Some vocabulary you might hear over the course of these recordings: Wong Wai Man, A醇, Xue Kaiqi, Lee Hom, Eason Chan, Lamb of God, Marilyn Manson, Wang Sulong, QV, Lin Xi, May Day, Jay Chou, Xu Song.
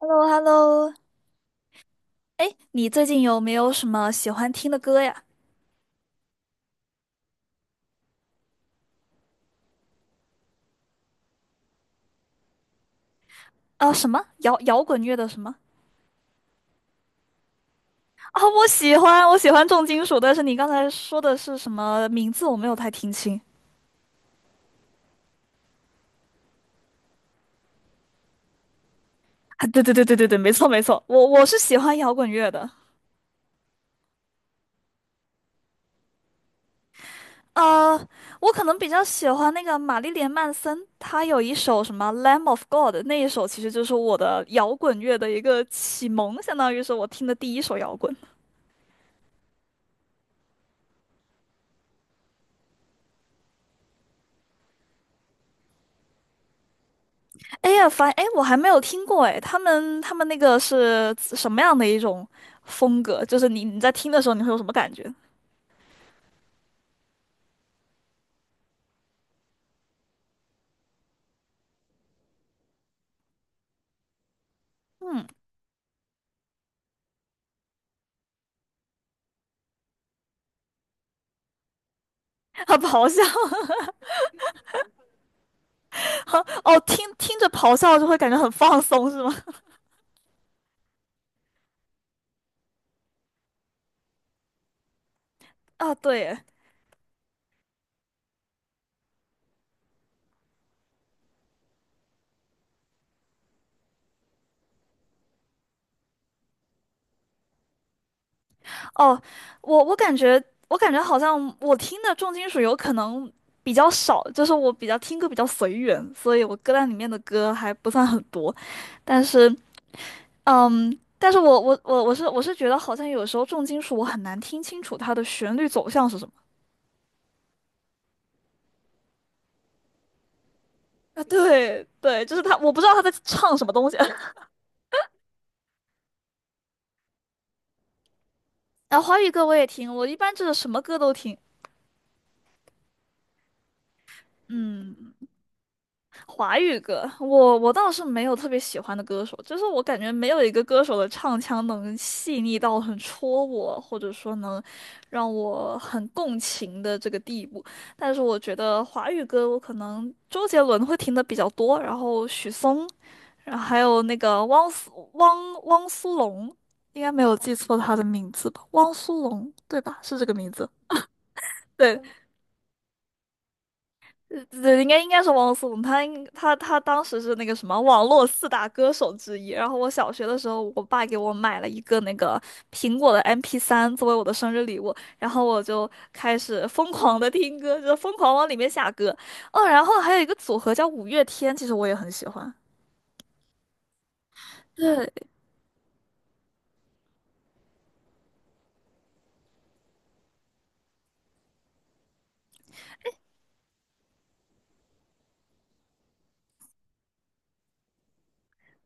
h e l l o h e l l o 哎，你最近有没有什么喜欢听的歌呀？啊，什么摇滚乐的什么？啊，我喜欢，我喜欢重金属，但是你刚才说的是什么名字？我没有太听清。啊，对对对对对对，没错没错，我是喜欢摇滚乐的。呃，我可能比较喜欢那个玛丽莲曼森，她有一首什么《Lamb of God》，那一首其实就是我的摇滚乐的一个启蒙，相当于是我听的第一首摇滚。哎呀，哎，我还没有听过哎，他们那个是什么样的一种风格？就是你在听的时候，你会有什么感觉？嗯。 啊，咆哮，哦，听着咆哮就会感觉很放松，是吗？啊，对耶。哦，我我感觉我感觉好像我听的重金属有可能比较少，就是我比较听歌比较随缘，所以我歌单里面的歌还不算很多，但是。嗯，但是我是觉得好像有时候重金属我很难听清楚它的旋律走向是什么。啊，对对，就是他，我不知道他在唱什么东西。然后华语歌我也听，我一般就是什么歌都听。嗯。华语歌，我倒是没有特别喜欢的歌手，就是我感觉没有一个歌手的唱腔能细腻到很戳我，或者说能让我很共情的这个地步。但是我觉得华语歌，我可能周杰伦会听的比较多，然后许嵩，然后还有那个汪苏泷，应该没有记错他的名字吧？汪苏泷对吧？是这个名字。对，对，应该是汪苏泷，他应他他当时是那个什么网络四大歌手之一。然后我小学的时候，我爸给我买了一个那个苹果的 MP3作为我的生日礼物，然后我就开始疯狂的听歌，就疯狂往里面下歌。哦，然后还有一个组合叫五月天，其实我也很喜欢。对，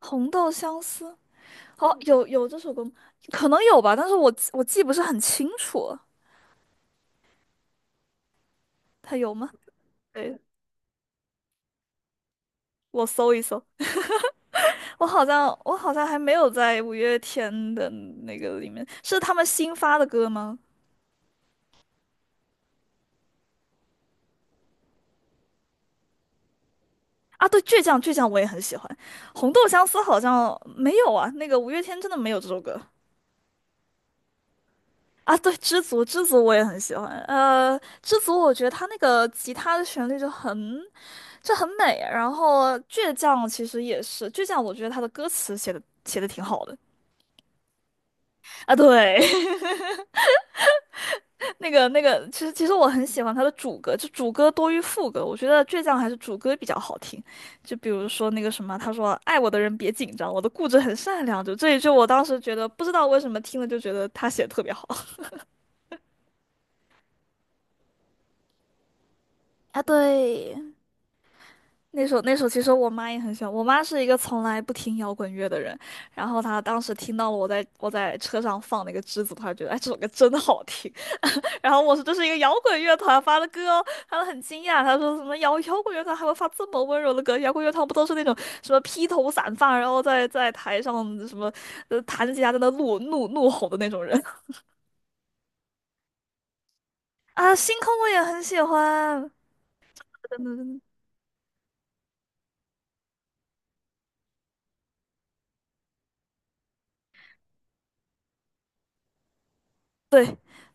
红豆相思，好，有有这首歌吗，可能有吧，但是我记不是很清楚，他有吗？对，我搜一搜。我好像还没有在五月天的那个里面，是他们新发的歌吗？啊，对，倔强我也很喜欢，红豆相思好像没有啊，那个五月天真的没有这首歌。啊，对，知足我也很喜欢，知足我觉得他那个吉他的旋律就很美，然后倔强其实也是倔强，我觉得他的歌词写的挺好的。啊，对，那个那个，其实我很喜欢他的主歌，就主歌多于副歌，我觉得倔强还是主歌比较好听。就比如说那个什么，他说爱我的人别紧张，我的固执很善良，就这一句我当时觉得不知道为什么听了就觉得他写的特别好。 啊，对，那首那首其实我妈也很喜欢，我妈是一个从来不听摇滚乐的人，然后她当时听到了我在车上放那个栀子花，觉得哎这首歌真的好听。然后我说这是一个摇滚乐团发的歌哦，他很惊讶，他说什么摇滚乐团还会发这么温柔的歌？摇滚乐团不都是那种什么披头散发，然后在台上什么弹着吉他在那怒吼的那种人。 啊？星空我也很喜欢，嗯，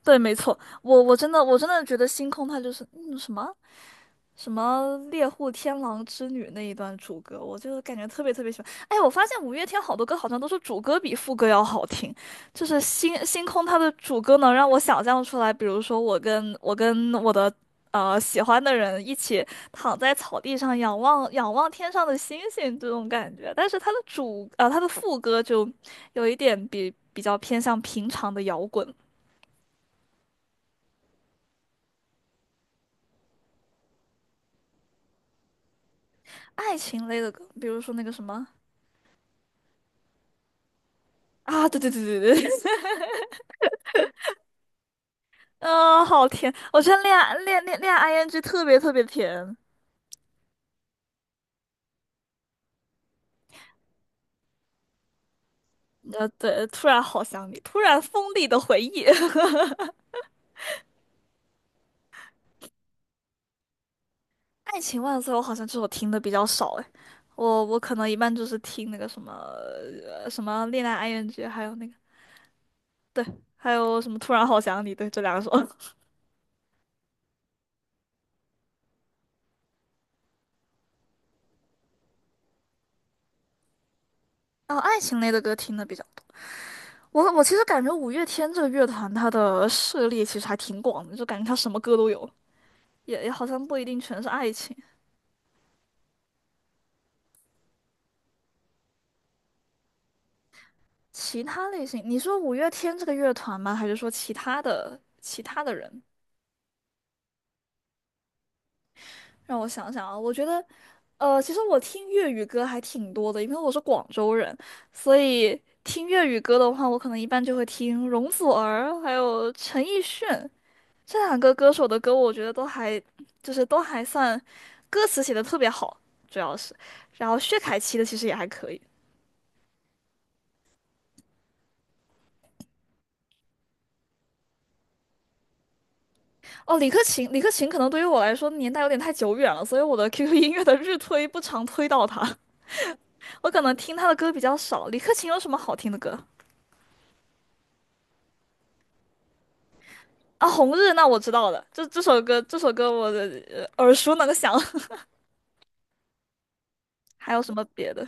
对，没错，我真的觉得星空它就是什么什么猎户天狼之女那一段主歌，我就感觉特别特别喜欢。哎，我发现五月天好多歌好像都是主歌比副歌要好听，就是星空它的主歌能让我想象出来，比如说我跟我的喜欢的人一起躺在草地上仰望天上的星星这种感觉，但是它的它的副歌就有一点比较偏向平常的摇滚。爱情类的歌，比如说那个什么。啊，对对对对。嗯，好甜！我觉得恋爱 ing 特别特别甜。对，突然好想你，突然锋利的回忆。《爱情万岁》我好像这首听的比较少哎，我可能一般就是听那个什么什么恋爱 ing,还有那个，对，还有什么突然好想你，对，这两首。然后爱情类的歌听的比较多。我其实感觉五月天这个乐团它的涉猎其实还挺广的，就感觉它什么歌都有，也也好像不一定全是爱情。其他类型，你说五月天这个乐团吗？还是说其他的人？让我想想啊，我觉得，其实我听粤语歌还挺多的，因为我是广州人，所以听粤语歌的话，我可能一般就会听容祖儿，还有陈奕迅这两个歌手的歌，我觉得都还算歌词写的特别好，主要是，然后薛凯琪的其实也还可以。哦，李克勤，李克勤可能对于我来说年代有点太久远了，所以我的 QQ 音乐的日推不常推到他。我可能听他的歌比较少。李克勤有什么好听的歌？啊，《红日》那我知道了，这首歌我的耳熟能详。还有什么别的？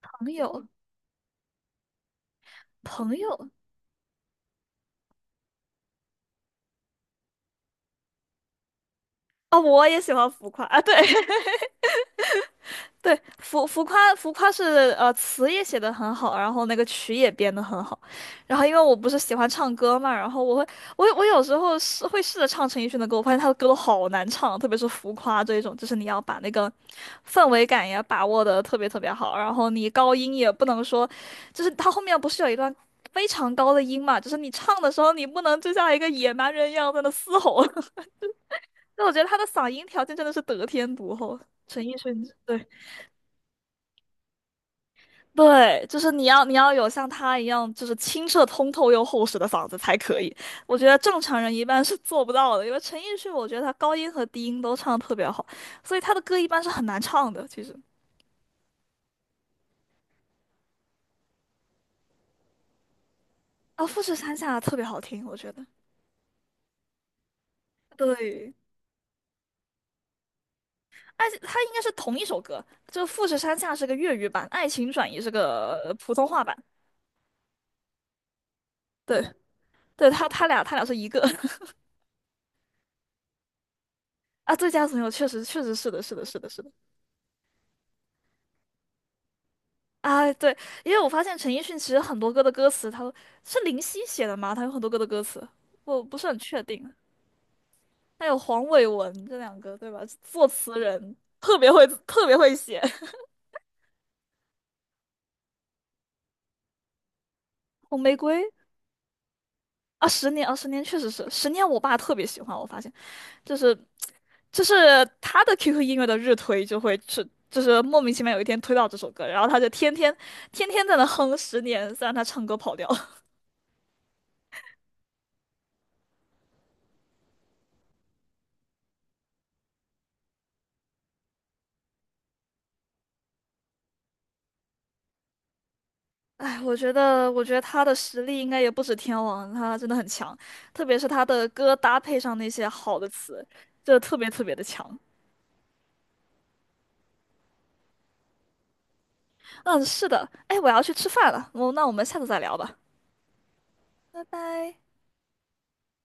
朋友，朋友。啊，我也喜欢浮夸啊，对。对，浮夸是词也写的很好，然后那个曲也编的很好，然后因为我不是喜欢唱歌嘛，然后我会我我有时候是会试着唱陈奕迅的歌，我发现他的歌都好难唱，特别是浮夸这一种，就是你要把那个氛围感也把握的特别特别好，然后你高音也不能说，就是他后面不是有一段非常高的音嘛，就是你唱的时候你不能就像一个野蛮人一样在那嘶吼。那我觉得他的嗓音条件真的是得天独厚，陈奕迅。对，对，就是你要有像他一样，就是清澈通透又厚实的嗓子才可以。我觉得正常人一般是做不到的，因为陈奕迅，我觉得他高音和低音都唱得特别好，所以他的歌一般是很难唱的。其实。啊，《富士山下》特别好听，我觉得。对，而且他应该是同一首歌，就《富士山下》是个粤语版，《爱情转移》是个普通话版。对，对，他他俩他俩是一个。 啊，最佳损友确实是的，是的，是的，是的。啊，对，因为我发现陈奕迅其实很多歌的歌词，他都是林夕写的吗？他有很多歌的歌词，我不是很确定。还有黄伟文这两个，对吧？作词人特别会，特别会写。红玫瑰。啊，十年啊，十年确实是十年，我爸特别喜欢。我发现就是就是他的 QQ 音乐的日推就是莫名其妙有一天推到这首歌，然后他就天天在那哼十年，虽然他唱歌跑调了。哎，我觉得，我觉得他的实力应该也不止天王，他真的很强，特别是他的歌搭配上那些好的词，就特别特别的强。嗯，是的，哎，我要去吃饭了，我那我们下次再聊吧，拜拜。